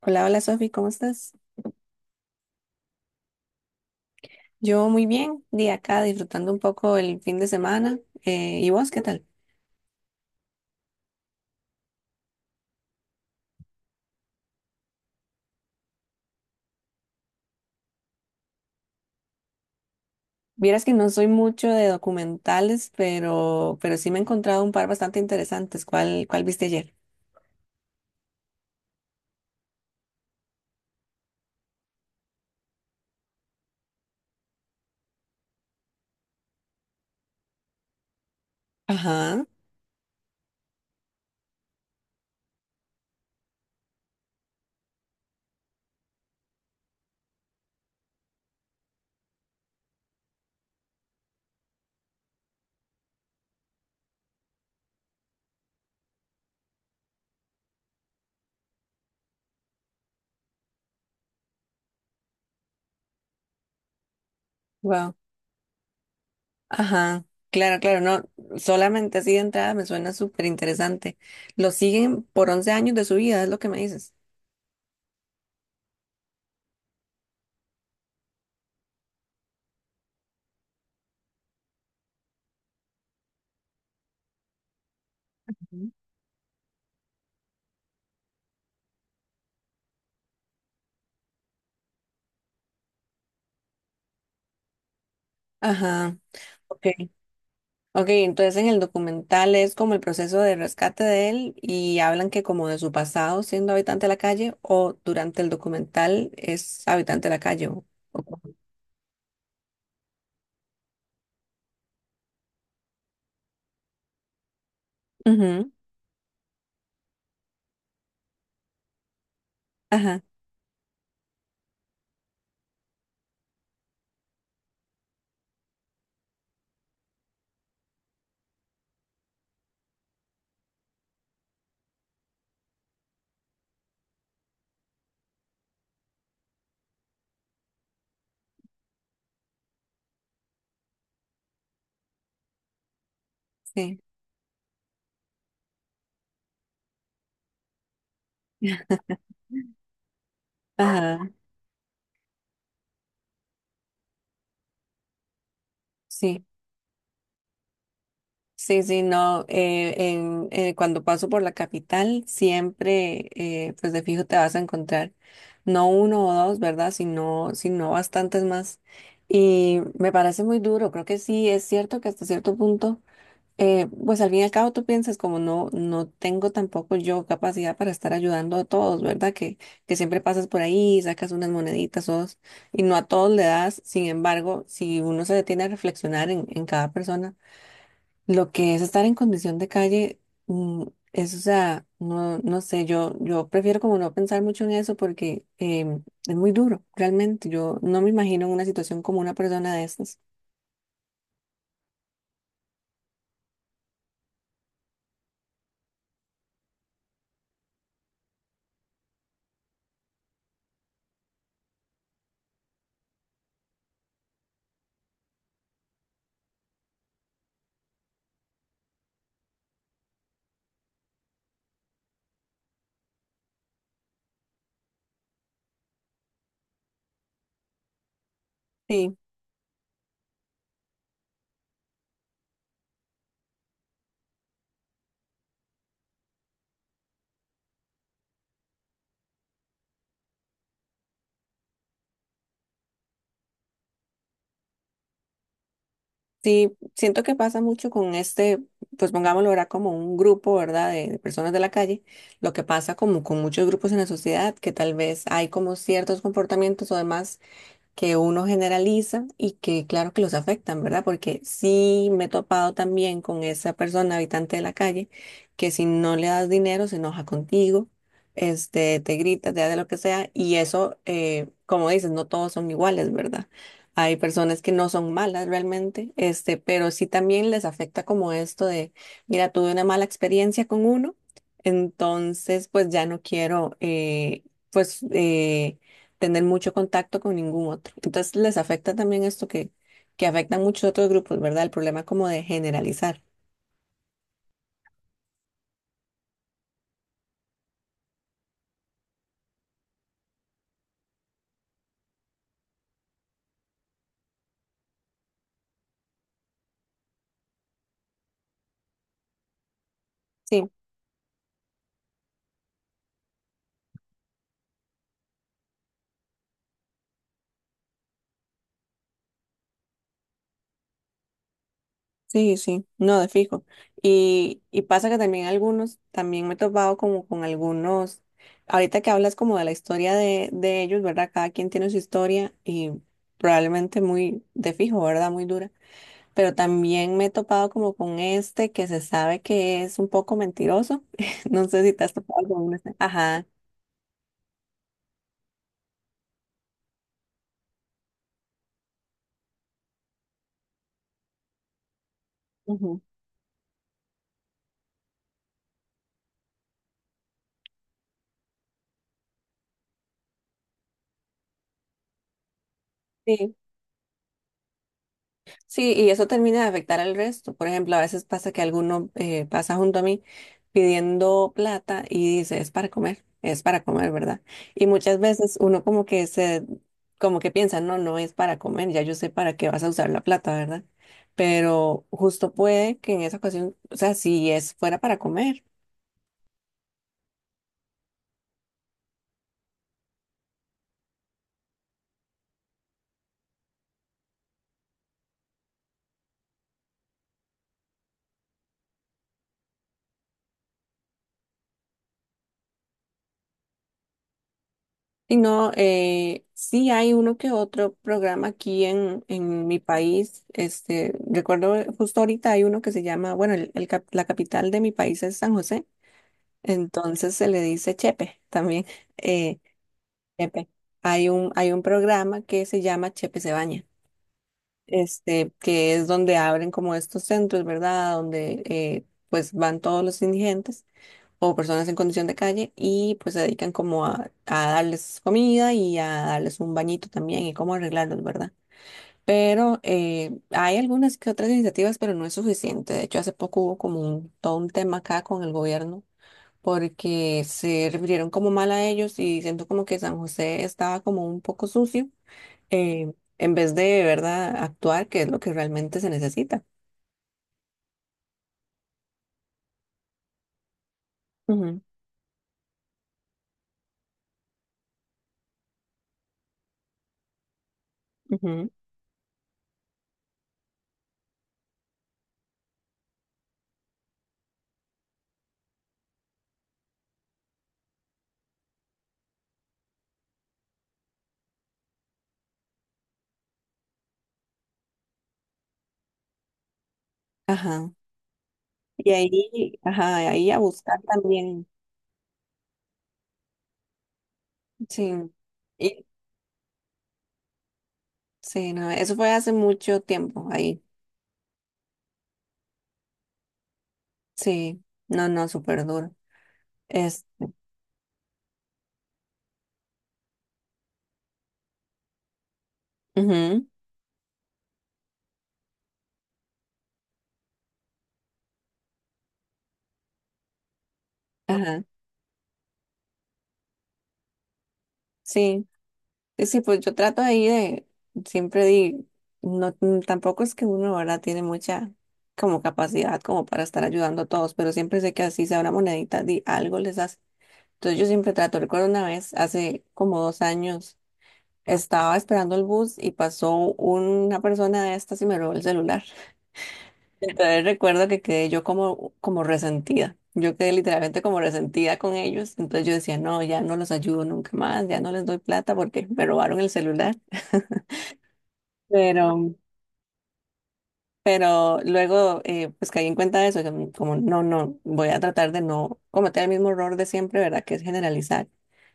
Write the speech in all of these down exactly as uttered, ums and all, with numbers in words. Hola, hola Sofi, ¿cómo estás? Yo muy bien, de acá disfrutando un poco el fin de semana. Eh, ¿y vos qué tal? Vieras que no soy mucho de documentales, pero, pero sí me he encontrado un par bastante interesantes. ¿Cuál, cuál viste ayer? Ajá, wow. Ajá, claro, claro, no, solamente así de entrada me suena súper interesante. Lo siguen por once años de su vida, es lo que me dices. Ujú. Ajá, ok. Ok, entonces en el documental es como el proceso de rescate de él y hablan que como de su pasado siendo habitante de la calle o durante el documental es habitante de la calle. o- o cómo. Ujú, ajá, sí. Ajá, sí. Sí, sí, no. Eh, en- eh, cuando paso por la capital siempre, eh, pues de fijo te vas a encontrar no uno o dos, ¿verdad? Sino, sino bastantes más. Y me parece muy duro. Creo que sí, es cierto que hasta cierto punto. Eh, pues al fin y al cabo tú piensas como no, no tengo tampoco yo capacidad para estar ayudando a todos, ¿verdad? Que, que siempre pasas por ahí, sacas unas moneditas o dos, y no a todos le das. Sin embargo, si uno se detiene a reflexionar en, en cada persona, lo que es estar en condición de calle, mm, es, o sea, no, no sé, yo, yo prefiero como no pensar mucho en eso porque em, es muy duro, realmente. Yo no me imagino en una situación como una persona de estas. Sí. Sí, siento que pasa mucho con este, pues pongámoslo ahora como un grupo, ¿verdad? De, de personas de la calle, lo que pasa como con muchos grupos en la sociedad, que tal vez hay como ciertos comportamientos o demás que uno generaliza y que claro que los afectan, ¿verdad? Porque sí me he topado también con esa persona, habitante de la calle, que si no le das dinero se enoja contigo, este, te grita, te hace lo que sea, y eso, eh, como dices, no todos son iguales, ¿verdad? Hay personas que no son malas realmente, este, pero sí también les afecta como esto de, mira, tuve una mala experiencia con uno, entonces pues ya no quiero, eh, pues, eh, tener mucho contacto con ningún otro. Entonces les afecta también esto que, que afecta a muchos otros grupos, ¿verdad? El problema como de generalizar. Sí, sí, sí, no, de fijo. Y, y pasa que también algunos, también me he topado como con algunos, ahorita que hablas como de la historia de, de ellos, ¿verdad? Cada quien tiene su historia y probablemente muy de fijo, ¿verdad? Muy dura. Pero también me he topado como con este que se sabe que es un poco mentiroso. No sé si te has topado con uno. Ajá. Ujú. Sí. Sí, y eso termina de afectar al resto. Por ejemplo, a veces pasa que alguno eh, pasa junto a mí pidiendo plata y dice, es para comer, es para comer, ¿verdad? Y muchas veces uno como que se, como que piensa, no, no es para comer, ya yo sé para qué vas a usar la plata, ¿verdad? Pero justo puede que en esa ocasión, o sea, si es fuera para comer. Y no, eh, sí hay uno que otro programa aquí en, en mi país. Este, recuerdo eh, justo ahorita hay uno que se llama, bueno, el, el cap- la capital de mi país es San José, entonces se le dice Chepe también. eh, Chepe. Hay un, hay un programa que se llama Chepe se baña, este, que es donde abren como estos centros, ¿verdad? Donde eh, pues van todos los indigentes o personas en condición de calle y pues se dedican como a, a darles comida y a darles un bañito también y cómo arreglarlos, ¿verdad? Pero eh, hay algunas que otras iniciativas, pero no es suficiente. De hecho, hace poco hubo como un, todo un tema acá con el gobierno porque se refirieron como mal a ellos y siento como que San José estaba como un poco sucio, eh, en vez de, ¿verdad?, actuar, que es lo que realmente se necesita. Ujú, ujú. Ajá. Y ahí, ajá, ahí a buscar también. Sí. Y, sí, no, eso fue hace mucho tiempo ahí. Sí, no, no, súper duro. Es, ujú, ajá, sí. Sí, sí, pues yo trato ahí de, siempre di, no, mm, tampoco es que uno, ahora tiene mucha como capacidad como para estar ayudando a todos, pero siempre sé que así sea una monedita, di, algo les hace. Entonces yo siempre trato, recuerdo una vez, hace como dos años, estaba esperando el bus y pasó una persona de estas y me robó el celular. Entonces recuerdo que quedé yo como, como resentida. Yo quedé literalmente como resentida con ellos. Entonces yo decía, no, ya no los ayudo nunca más, ya no les doy plata porque me robaron el celular. Pero, pero luego eh, pues caí en cuenta de eso, que como no, no, voy a tratar de no cometer el mismo error de siempre, ¿verdad? Que es generalizar.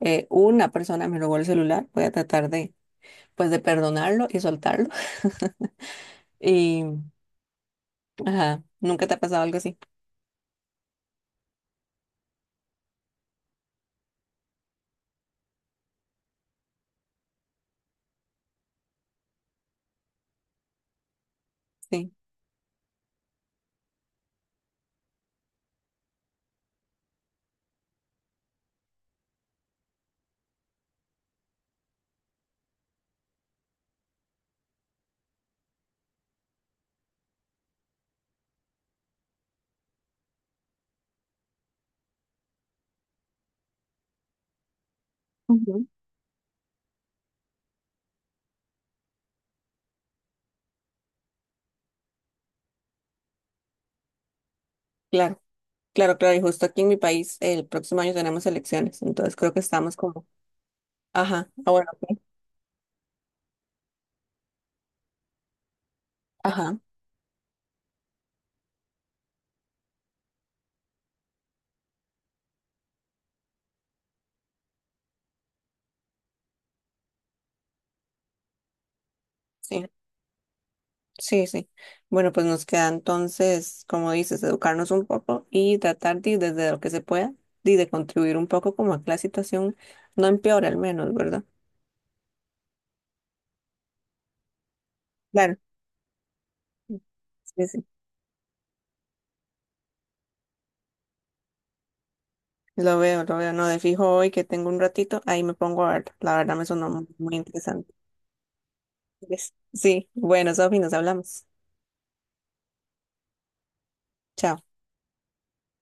Eh, una persona me robó el celular, voy a tratar de, pues, de perdonarlo y soltarlo. Y, ajá, ¿nunca te ha pasado algo así? Sí. Ujú. Claro. Claro, claro, y justo aquí en mi país el próximo año tenemos elecciones, entonces creo que estamos como, ajá, ah, bueno, ok, ajá, sí, sí, sí. Bueno, pues nos queda entonces, como dices, educarnos un poco y tratar de, desde lo que se pueda, de, de contribuir un poco como a que la situación no empeore al menos, ¿verdad? Claro, sí, sí. Lo veo, lo veo, no, de fijo hoy que tengo un ratito, ahí me pongo a ver, la verdad me sonó muy interesante. Pues, sí, bueno, Sofi, nos hablamos. Chao.